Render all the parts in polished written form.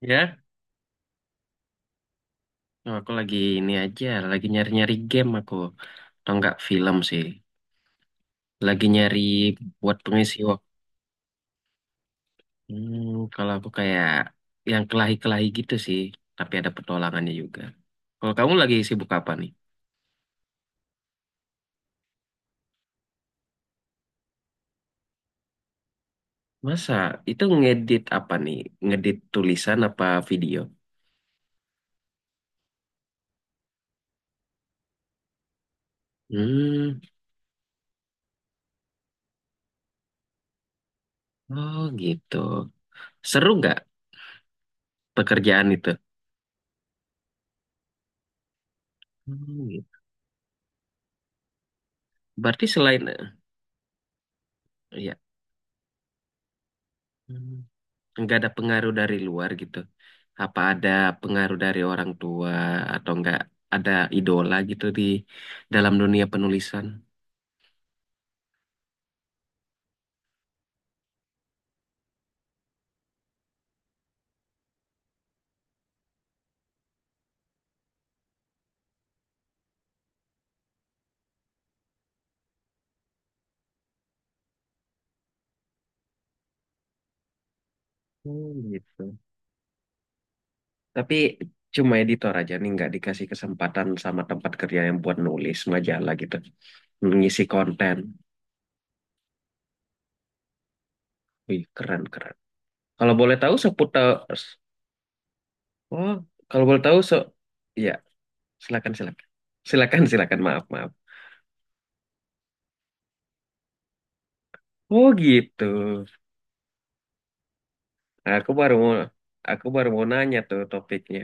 Ya, oh, aku lagi ini aja, lagi nyari-nyari game aku. Atau enggak film sih. Lagi nyari buat pengisi waktu. Hmm, kalau aku kayak yang kelahi-kelahi gitu sih, tapi ada petualangannya juga. Kalau kamu lagi sibuk apa nih? Masa itu ngedit apa nih? Ngedit tulisan apa video? Hmm, oh gitu. Seru nggak pekerjaan itu? Hmm, gitu. Berarti selain ya. Hmm. Nggak ada pengaruh dari luar gitu. Apa ada pengaruh dari orang tua atau nggak ada idola gitu di dalam dunia penulisan? Hmm, gitu. Tapi cuma editor aja nih nggak dikasih kesempatan sama tempat kerja yang buat nulis majalah gitu, mengisi konten. Wih, keren keren. Kalau boleh tahu seputar, oh, kalau boleh tahu se, ya silakan silakan, silakan silakan maaf maaf. Oh gitu. Aku baru mau, aku baru mau nanya tuh topiknya.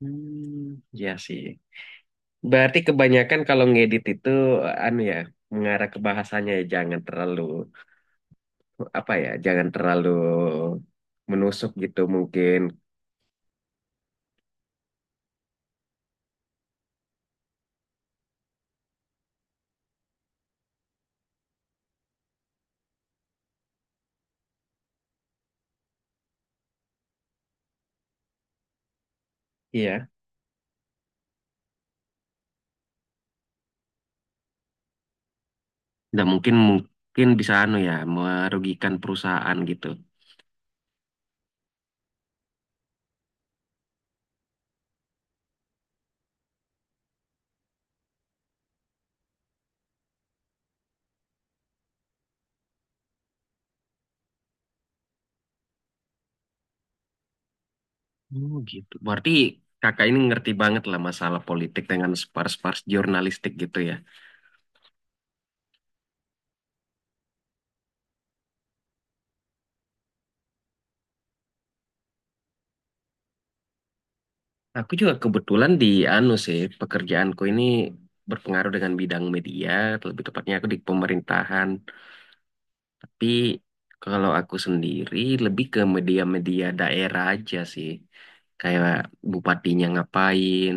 Hmm, ya sih. Berarti kebanyakan kalau ngedit itu anu ya, mengarah ke bahasanya ya jangan terlalu apa ya, jangan terlalu menusuk gitu mungkin. Iya. Nah, mungkin mungkin bisa anu ya, merugikan perusahaan gitu. Oh gitu. Berarti kakak ini ngerti banget lah masalah politik dengan spars-spars jurnalistik gitu ya. Aku juga kebetulan di anu sih, pekerjaanku ini berpengaruh dengan bidang media, lebih tepatnya aku di pemerintahan. Tapi kalau aku sendiri lebih ke media-media daerah aja sih. Kayak bupatinya ngapain.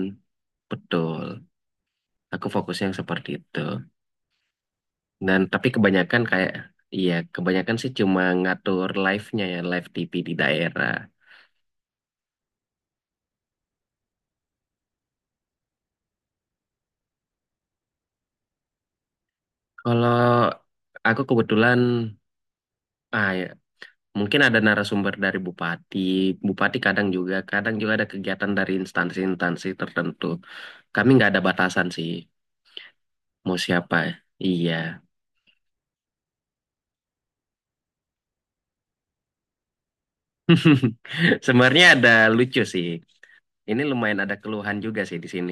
Betul. Aku fokusnya yang seperti itu. Dan tapi kebanyakan kayak iya, kebanyakan sih cuma ngatur live-nya ya, live TV di daerah. Kalau aku kebetulan ah ya, mungkin ada narasumber dari bupati. Bupati kadang juga ada kegiatan dari instansi-instansi tertentu. Kami nggak ada batasan sih. Mau siapa? Iya. Sebenarnya ada lucu sih. Ini lumayan ada keluhan juga sih di sini.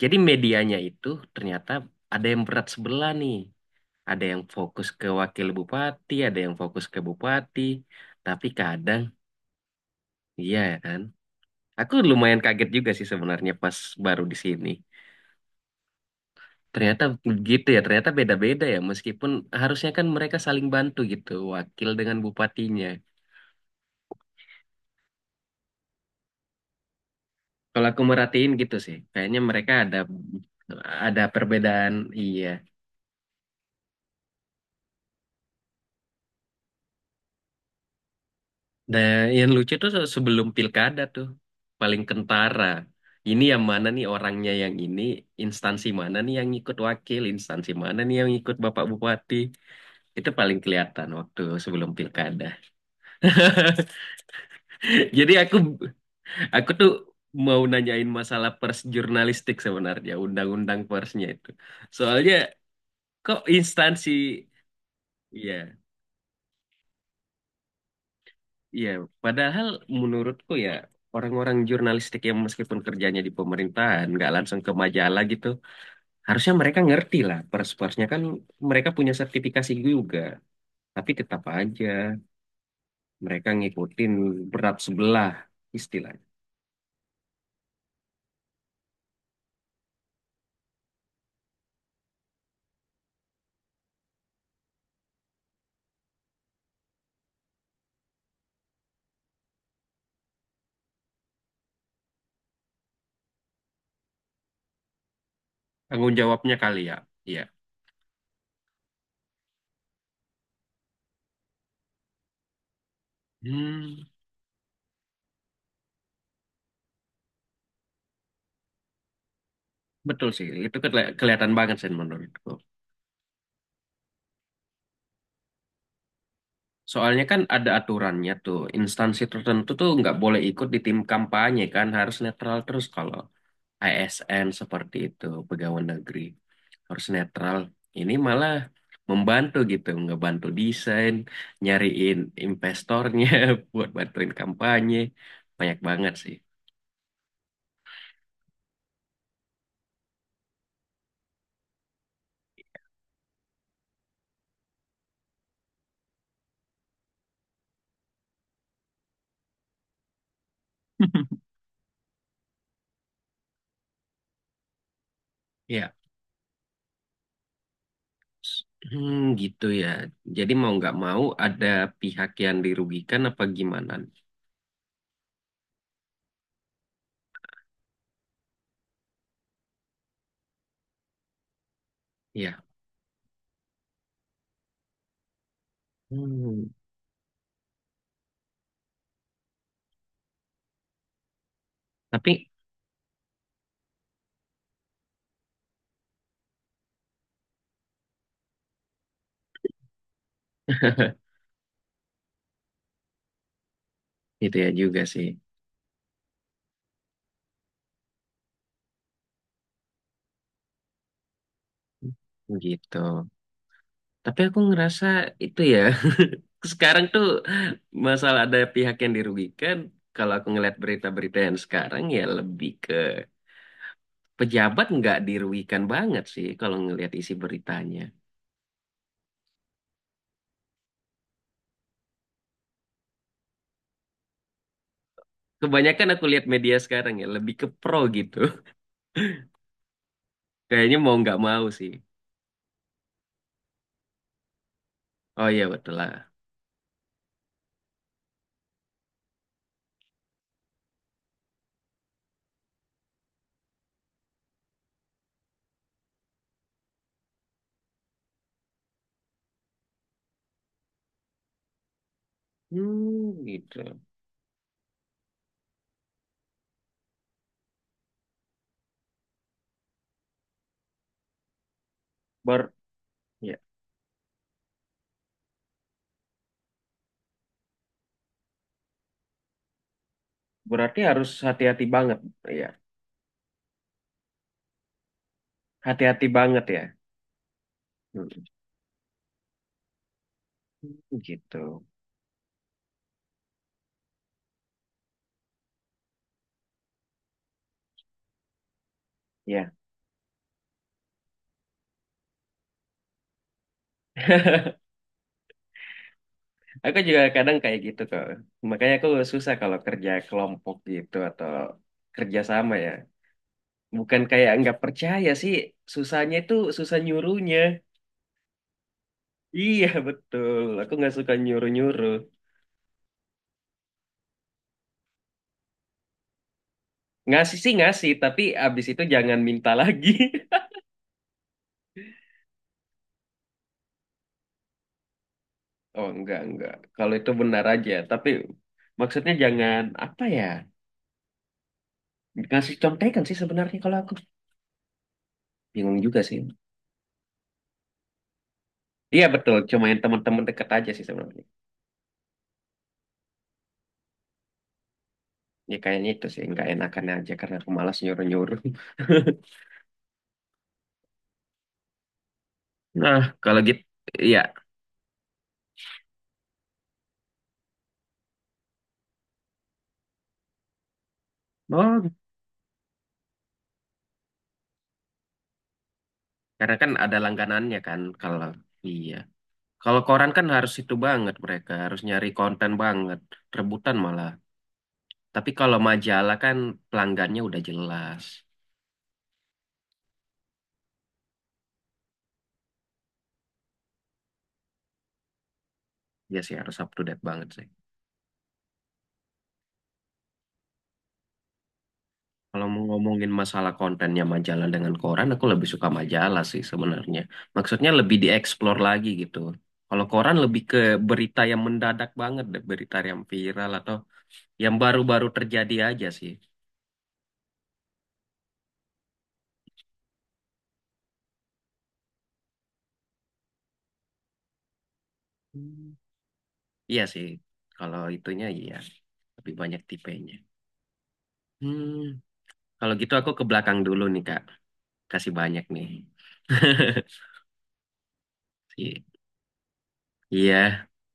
Jadi medianya itu ternyata ada yang berat sebelah nih. Ada yang fokus ke wakil bupati, ada yang fokus ke bupati. Tapi kadang, iya ya kan. Aku lumayan kaget juga sih sebenarnya pas baru di sini. Ternyata begitu ya, ternyata beda-beda ya. Meskipun harusnya kan mereka saling bantu gitu, wakil dengan bupatinya. Kalau aku merhatiin gitu sih, kayaknya mereka ada perbedaan. Iya. Dan yang lucu tuh sebelum pilkada tuh paling kentara. Ini yang mana nih orangnya yang ini, instansi mana nih yang ikut wakil, instansi mana nih yang ikut Bapak Bupati. Itu paling kelihatan waktu sebelum pilkada. Jadi aku tuh mau nanyain masalah pers jurnalistik sebenarnya, undang-undang persnya itu. Soalnya kok instansi Iya. Iya, padahal menurutku ya orang-orang jurnalistik yang meskipun kerjanya di pemerintahan nggak langsung ke majalah gitu, harusnya mereka ngerti lah pers-persnya kan mereka punya sertifikasi juga, tapi tetap aja mereka ngikutin berat sebelah istilahnya. Tanggung jawabnya kali ya. Iya. Hmm, betul sih, itu kelihatan banget sih menurutku. Soalnya kan ada aturannya tuh, instansi tertentu tuh nggak boleh ikut di tim kampanye kan, harus netral terus kalau ASN seperti itu, pegawai negeri harus netral. Ini malah membantu gitu, ngebantu desain, nyariin investornya buat bantuin kampanye. Banyak banget sih. Ya, hmm, gitu ya. Jadi mau nggak mau ada pihak yang dirugikan apa gimana? Ya, hmm. Tapi itu ya juga sih. Gitu. Tapi aku ngerasa itu ya Sekarang tuh masalah ada pihak yang dirugikan. Kalau aku ngeliat berita-berita yang sekarang ya lebih ke pejabat nggak dirugikan banget sih kalau ngelihat isi beritanya. Kebanyakan aku lihat media sekarang ya lebih ke pro gitu. Kayaknya mau nggak mau sih. Oh iya betul lah. Hmm, gitu. Ber ya. Berarti harus hati-hati banget ya. Hati-hati banget ya. Hmm, gitu. Ya. Aku juga kadang kayak gitu kok. Makanya aku susah kalau kerja kelompok gitu atau kerja sama ya. Bukan kayak nggak percaya sih, susahnya itu susah nyuruhnya. Iya betul, aku nggak suka nyuruh-nyuruh. Ngasih sih ngasih, tapi abis itu jangan minta lagi. Oh enggak, enggak. Kalau itu benar aja, tapi maksudnya jangan apa ya? Ngasih contekan sih sebenarnya kalau aku. Bingung juga sih. Iya betul, cuma yang teman-teman dekat aja sih sebenarnya. Ya kayaknya itu sih nggak enakan aja karena aku malas nyuruh-nyuruh. Nah, kalau gitu iya. Oh, karena kan ada langganannya kan kalau iya. Kalau koran kan harus itu banget mereka, harus nyari konten banget, rebutan malah. Tapi kalau majalah kan pelanggannya udah jelas. Ya sih harus up to date banget sih. Kalau mau ngomongin masalah kontennya majalah dengan koran, aku lebih suka majalah sih sebenarnya. Maksudnya lebih dieksplor lagi gitu. Kalau koran lebih ke berita yang mendadak banget, deh, berita yang viral atau yang baru-baru terjadi aja sih. Hmm. Iya sih, kalau itunya iya, lebih banyak tipenya. Hmm, kalau gitu aku ke belakang dulu nih Kak, kasih banyak nih. Iya,